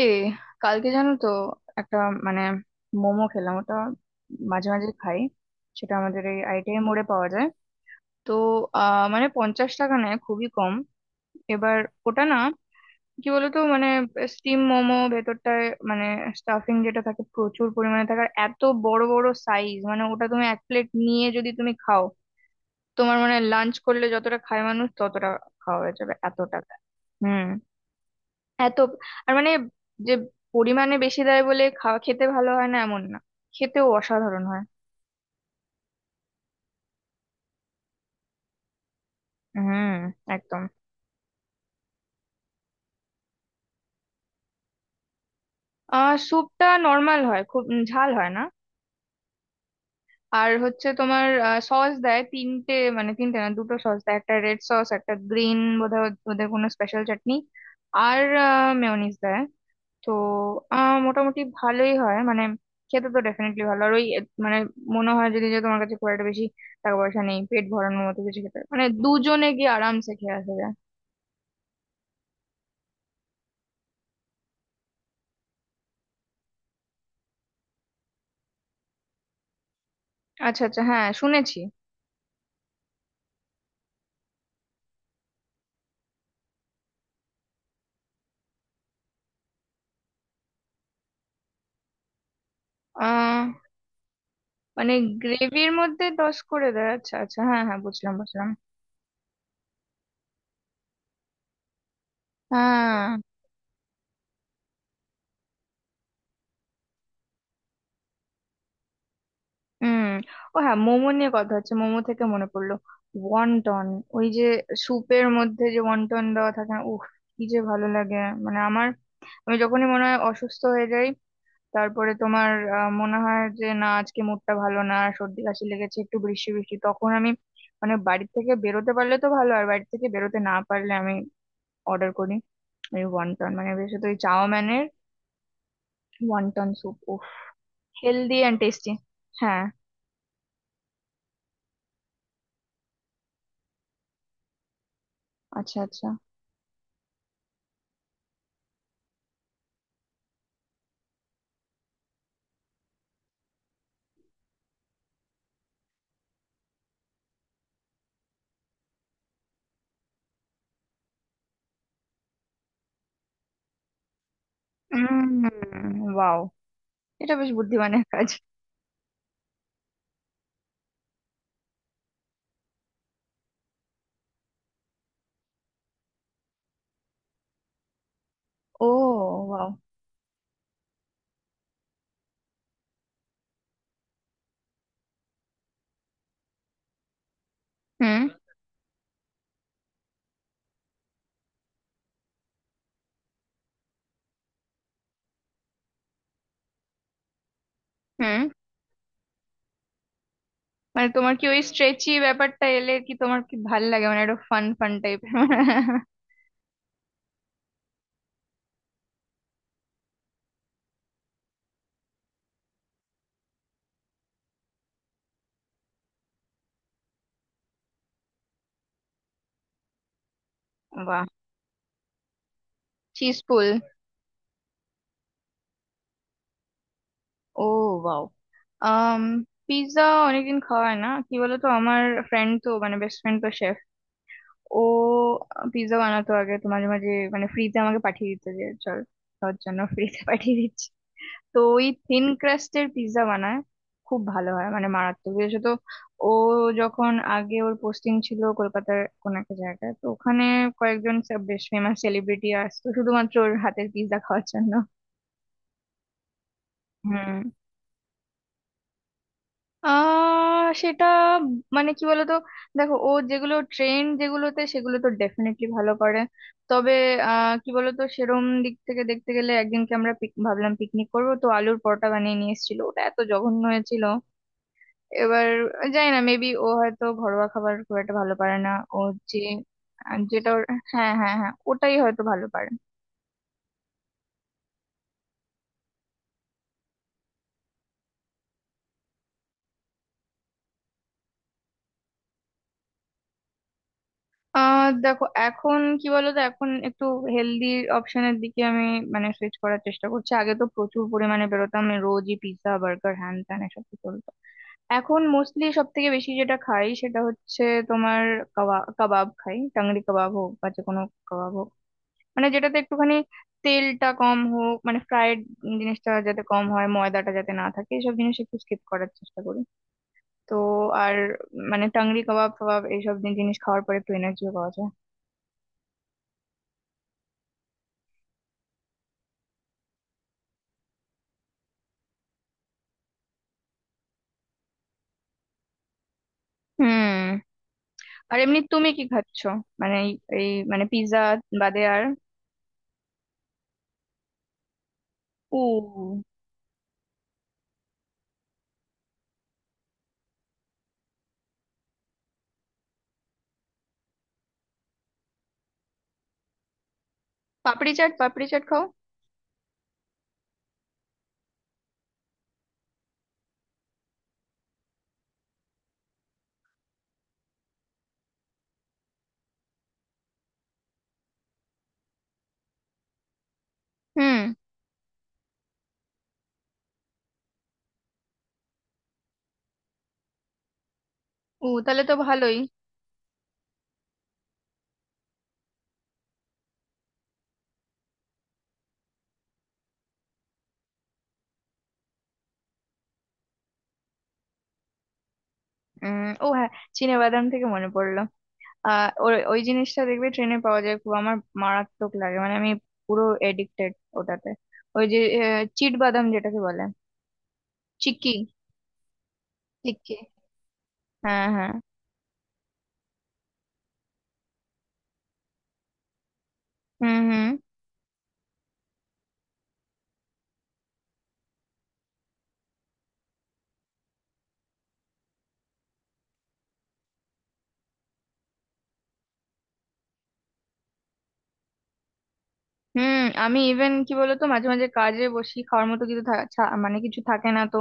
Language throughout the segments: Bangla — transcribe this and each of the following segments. এ কালকে জানো তো একটা মানে মোমো খেলাম, ওটা মাঝে মাঝে খাই। সেটা আমাদের এই আইটিআই মোড়ে পাওয়া যায়। তো মানে 50 টাকা নেয়, খুবই কম। এবার ওটা না কি বলতো, মানে স্টিম মোমো ভেতরটায় মানে স্টাফিং যেটা থাকে প্রচুর পরিমাণে থাকে, আর এত বড় বড় সাইজ মানে ওটা তুমি এক প্লেট নিয়ে যদি তুমি খাও তোমার মানে লাঞ্চ করলে যতটা খায় মানুষ ততটা খাওয়া হয়ে যাবে, এত টাকা। হুম। এত আর মানে যে পরিমাণে বেশি দেয় বলে খাওয়া খেতে ভালো হয় না এমন না, খেতেও অসাধারণ হয়। হুম, একদম। স্যুপটা নর্মাল হয়, খুব ঝাল হয় না। আর হচ্ছে তোমার সস দেয় তিনটে, মানে তিনটে না দুটো সস দেয়, একটা রেড সস একটা গ্রিন, বোধহয় ওদের কোনো স্পেশাল চাটনি। আর মেয়োনিজ দেয়। তো মোটামুটি ভালোই হয় মানে, খেতে তো ডেফিনেটলি ভালো। আর ওই মানে মনে হয় যদি যে তোমার কাছে খুব একটা বেশি টাকা পয়সা নেই, পেট ভরানোর মতো কিছু খেতে মানে দুজনে গিয়ে আরামসে খেয়ে আসা যায়। আচ্ছা আচ্ছা, হ্যাঁ শুনেছি। আহ মানে গ্রেভির মধ্যে দশ করে দেয়, আচ্ছা আচ্ছা হ্যাঁ হ্যাঁ বুঝলাম বুঝলাম। হ্যাঁ। হুম। ও হ্যাঁ, মোমো নিয়ে কথা হচ্ছে, মোমো থেকে মনে পড়লো ওয়ান্টন। ওই যে স্যুপের মধ্যে যে ওয়ান্টন দেওয়া থাকে না, উফ কি যে ভালো লাগে। মানে আমার আমি যখনই মনে হয় অসুস্থ হয়ে যাই, তারপরে তোমার মনে হয় যে না আজকে মুডটা ভালো না, সর্দি কাশি লেগেছে একটু, বৃষ্টি বৃষ্টি, তখন আমি মানে বাড়ি থেকে বেরোতে পারলে তো ভালো, আর বাড়ি থেকে বেরোতে না পারলে আমি অর্ডার করি ওই ওয়ান্টন, মানে বিশেষত ওই চাওম্যানের ওয়ান্টন স্যুপ, উফ। Healthy and tasty. হ্যাঁ। আচ্ছা আচ্ছা। ওয়াও, এটা বেশ বুদ্ধিমানের কাজ। ও ওয়াও। হুম হুম। মানে তোমার কি ওই স্ট্রেচি ব্যাপারটা এলে কি তোমার কি ভাল লাগে, মানে একটা ফান ফান টাইপ? বাহ। চিজফুল। ও বাও। আম পিৎজা অনেকদিন খাওয়া হয় না কি বলতো। আমার ফ্রেন্ড তো মানে বেস্ট ফ্রেন্ড তো শেফ। ও পিৎজা বানাতো আগে তো, মাঝে মাঝে মানে ফ্রিতে আমাকে পাঠিয়ে দিত, যে চল তোর জন্য ফ্রিতে পাঠিয়ে দিচ্ছি। তো ওই থিন ক্রাস্টের পিৎজা বানায়, খুব ভালো হয় মানে মারাত্মক। বিশেষত ও যখন আগে ওর পোস্টিং ছিল কলকাতার কোন একটা জায়গায়, তো ওখানে কয়েকজন সব বেশ ফেমাস সেলিব্রিটি আসতো শুধুমাত্র ওর হাতের পিৎজা খাওয়ার জন্য। হুম। সেটা মানে কি বলতো, দেখো ও যেগুলো ট্রেন্ড যেগুলোতে, সেগুলো তো ডেফিনেটলি ভালো করে। তবে কি বলতো, সেরম দিক থেকে দেখতে গেলে একদিনকে আমরা পিক ভাবলাম পিকনিক করবো, তো আলুর পরোটা বানিয়ে নিয়ে এসেছিল, ওটা এত জঘন্য হয়েছিল। এবার জানি না, মেবি ও হয়তো ঘরোয়া খাবার খুব একটা ভালো পারে না। ও যে আহ, যেটা ওর- হ্যাঁ হ্যাঁ হ্যাঁ, ওটাই হয়তো ভালো পারে। দেখো এখন কি বলতো, এখন একটু হেলদি অপশনের দিকে আমি মানে সুইচ করার চেষ্টা করছি। আগে তো প্রচুর পরিমাণে বেরোতাম আমি, রোজই পিৎজা বার্গার হ্যান ত্যান এসব কি চলতো। এখন মোস্টলি সব থেকে বেশি যেটা খাই সেটা হচ্ছে তোমার কাবাব, কাবাব খাই, টাংরি কাবাব হোক বা যে কোনো কাবাব হোক, মানে যেটাতে একটুখানি তেলটা কম হোক, মানে ফ্রাইড জিনিসটা যাতে কম হয়, ময়দাটা যাতে না থাকে, এসব জিনিস একটু স্কিপ করার চেষ্টা করি। তো আর মানে টাংরি কাবাব ফাবাব এইসব জিনিস খাওয়ার পরে একটু এনার্জিও পাওয়া যায়। হুম। আর এমনি তুমি কি খাচ্ছো, মানে এই এই মানে পিৎজা বাদে আর? ও পাপড়ি চাট, পাপড়ি চাট খাও। হুম। ও তাহলে তো ভালোই। ও হ্যাঁ, চিনে বাদাম থেকে মনে পড়লো। ওই ওই জিনিসটা দেখবে ট্রেনে পাওয়া যায়, খুব আমার মারাত্মক লাগে, মানে আমি পুরো এডিক্টেড ওটাতে। ওই যে চিট বাদাম যেটাকে বলে, চিক্কি। চিক্কি হ্যাঁ হ্যাঁ। হুম হুম হুম। আমি ইভেন কি বলতো মাঝে মাঝে কাজে বসি, খাওয়ার মতো কিছু মানে কিছু থাকে না তো।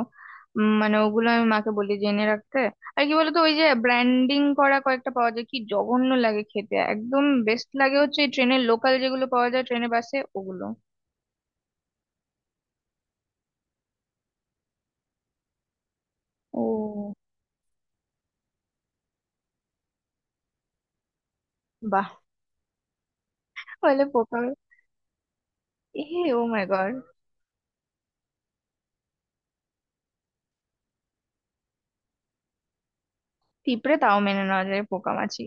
মানে ওগুলো আমি মাকে বলি যে এনে রাখতে। আর কি বলতো, ওই যে ব্র্যান্ডিং করা কয়েকটা পাওয়া যায়, কি জঘন্য লাগে খেতে। একদম বেস্ট লাগে হচ্ছে এই ট্রেনের লোকাল যেগুলো পাওয়া যায়, ট্রেনে বাসে, ওগুলো। ও বাহ। বলে পোকা? এ, ও মাই গড। পিঁপড়ে তাও মেনে নেওয়া যায়, পোকা মাছি!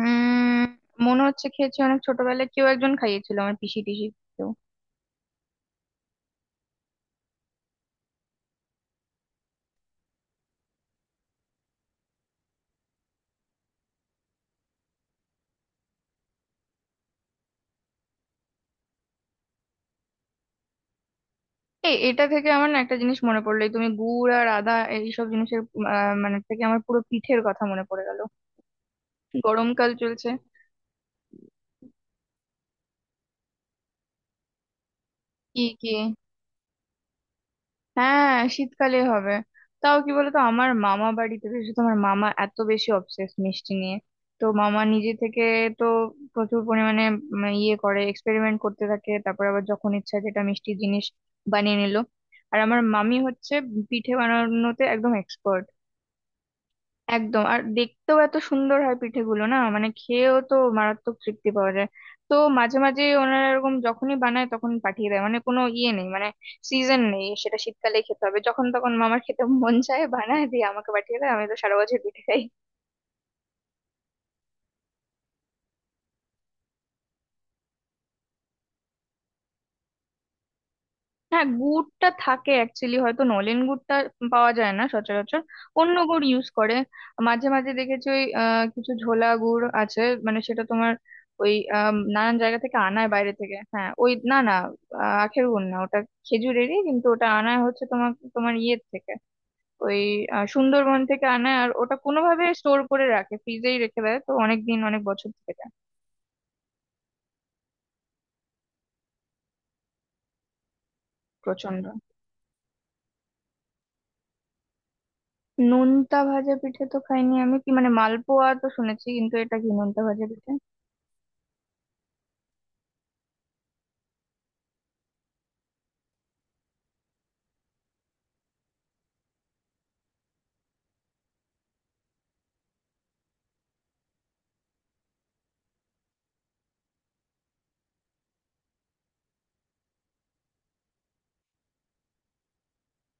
উম, মনে হচ্ছে খেয়েছি, অনেক ছোটবেলায় কেউ একজন খাইয়েছিল, আমার পিসি টিসি কেউ। এই এটা থেকে আমার না একটা জিনিস মনে পড়লো, এই তুমি গুড় আর আদা এইসব জিনিসের মানে থেকে আমার পুরো পিঠের কথা মনে পড়ে গেল। গরমকাল চলছে। কি কি? হ্যাঁ শীতকালে হবে। তাও কি বলতো, আমার মামা বাড়িতে বিশেষত আমার মামা এত বেশি অবসেস মিষ্টি নিয়ে, তো মামা নিজে থেকে তো প্রচুর পরিমাণে ইয়ে করে এক্সপেরিমেন্ট করতে থাকে, তারপর আবার যখন ইচ্ছা যেটা মিষ্টি জিনিস বানিয়ে নিল। আর আমার মামি হচ্ছে পিঠে বানানোতে একদম এক্সপার্ট, একদম। আর দেখতেও এত সুন্দর হয় পিঠেগুলো না, মানে খেয়েও তো মারাত্মক তৃপ্তি পাওয়া যায়। তো মাঝে মাঝে ওনারা এরকম যখনই বানায় তখন পাঠিয়ে দেয়, মানে কোনো ইয়ে নেই, মানে সিজন নেই সেটা শীতকালে খেতে হবে, যখন তখন মামার খেতে মন চায় বানায় দিয়ে আমাকে পাঠিয়ে দেয়, আমি তো সারা বছর পিঠে খাই। হ্যাঁ গুড়টা থাকে, অ্যাকচুয়ালি হয়তো নলেন গুড়টা পাওয়া যায় না সচরাচর, অন্য গুড় ইউজ করে। মাঝে মাঝে দেখেছি ওই কিছু ঝোলা গুড় আছে, মানে সেটা তোমার ওই নানান জায়গা থেকে আনায়, বাইরে থেকে, হ্যাঁ। ওই না না, আখের গুড় না ওটা, খেজুরেরই। কিন্তু ওটা আনায় হচ্ছে তোমার তোমার ইয়ের থেকে, ওই সুন্দরবন থেকে আনায়। আর ওটা কোনোভাবে স্টোর করে রাখে, ফ্রিজেই রেখে দেয়, তো অনেক দিন অনেক বছর থেকে যায়। প্রচন্ড। নোনতা ভাজা পিঠে তো খাইনি আমি, কি মানে মালপোয়া তো শুনেছি কিন্তু এটা কি নোনতা ভাজা পিঠে?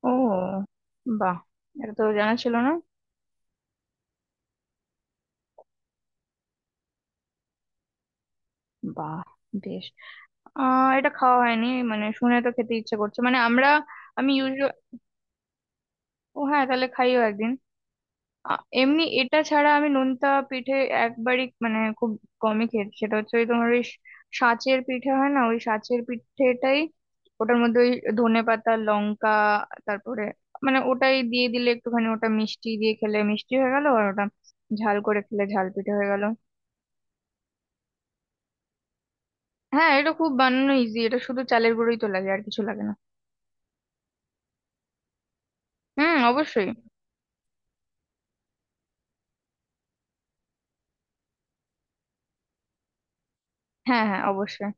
ও বাহ, এটা তো জানা ছিল না। বাহ, বেশ। এটা খাওয়া হয়নি, মানে শুনে তো খেতে ইচ্ছে করছে মানে আমরা, আমি ইউজুয়াল। ও হ্যাঁ তাহলে খাইও একদিন। এমনি এটা ছাড়া আমি নোনতা পিঠে একবারই মানে খুব কমই খেয়েছি, সেটা হচ্ছে ওই তোমার ওই সাঁচের পিঠে হয় না, ওই সাঁচের পিঠেটাই, ওটার মধ্যে ওই ধনে পাতা লঙ্কা, তারপরে মানে ওটাই দিয়ে দিলে একটুখানি, ওটা মিষ্টি দিয়ে খেলে মিষ্টি হয়ে গেল, আর ওটা ঝাল করে খেলে ঝাল পিঠে হয়ে গেল। হ্যাঁ এটা খুব বানানো ইজি, এটা শুধু চালের গুঁড়োই তো লাগে আর কিছু লাগে না। হুম অবশ্যই। হ্যাঁ হ্যাঁ অবশ্যই।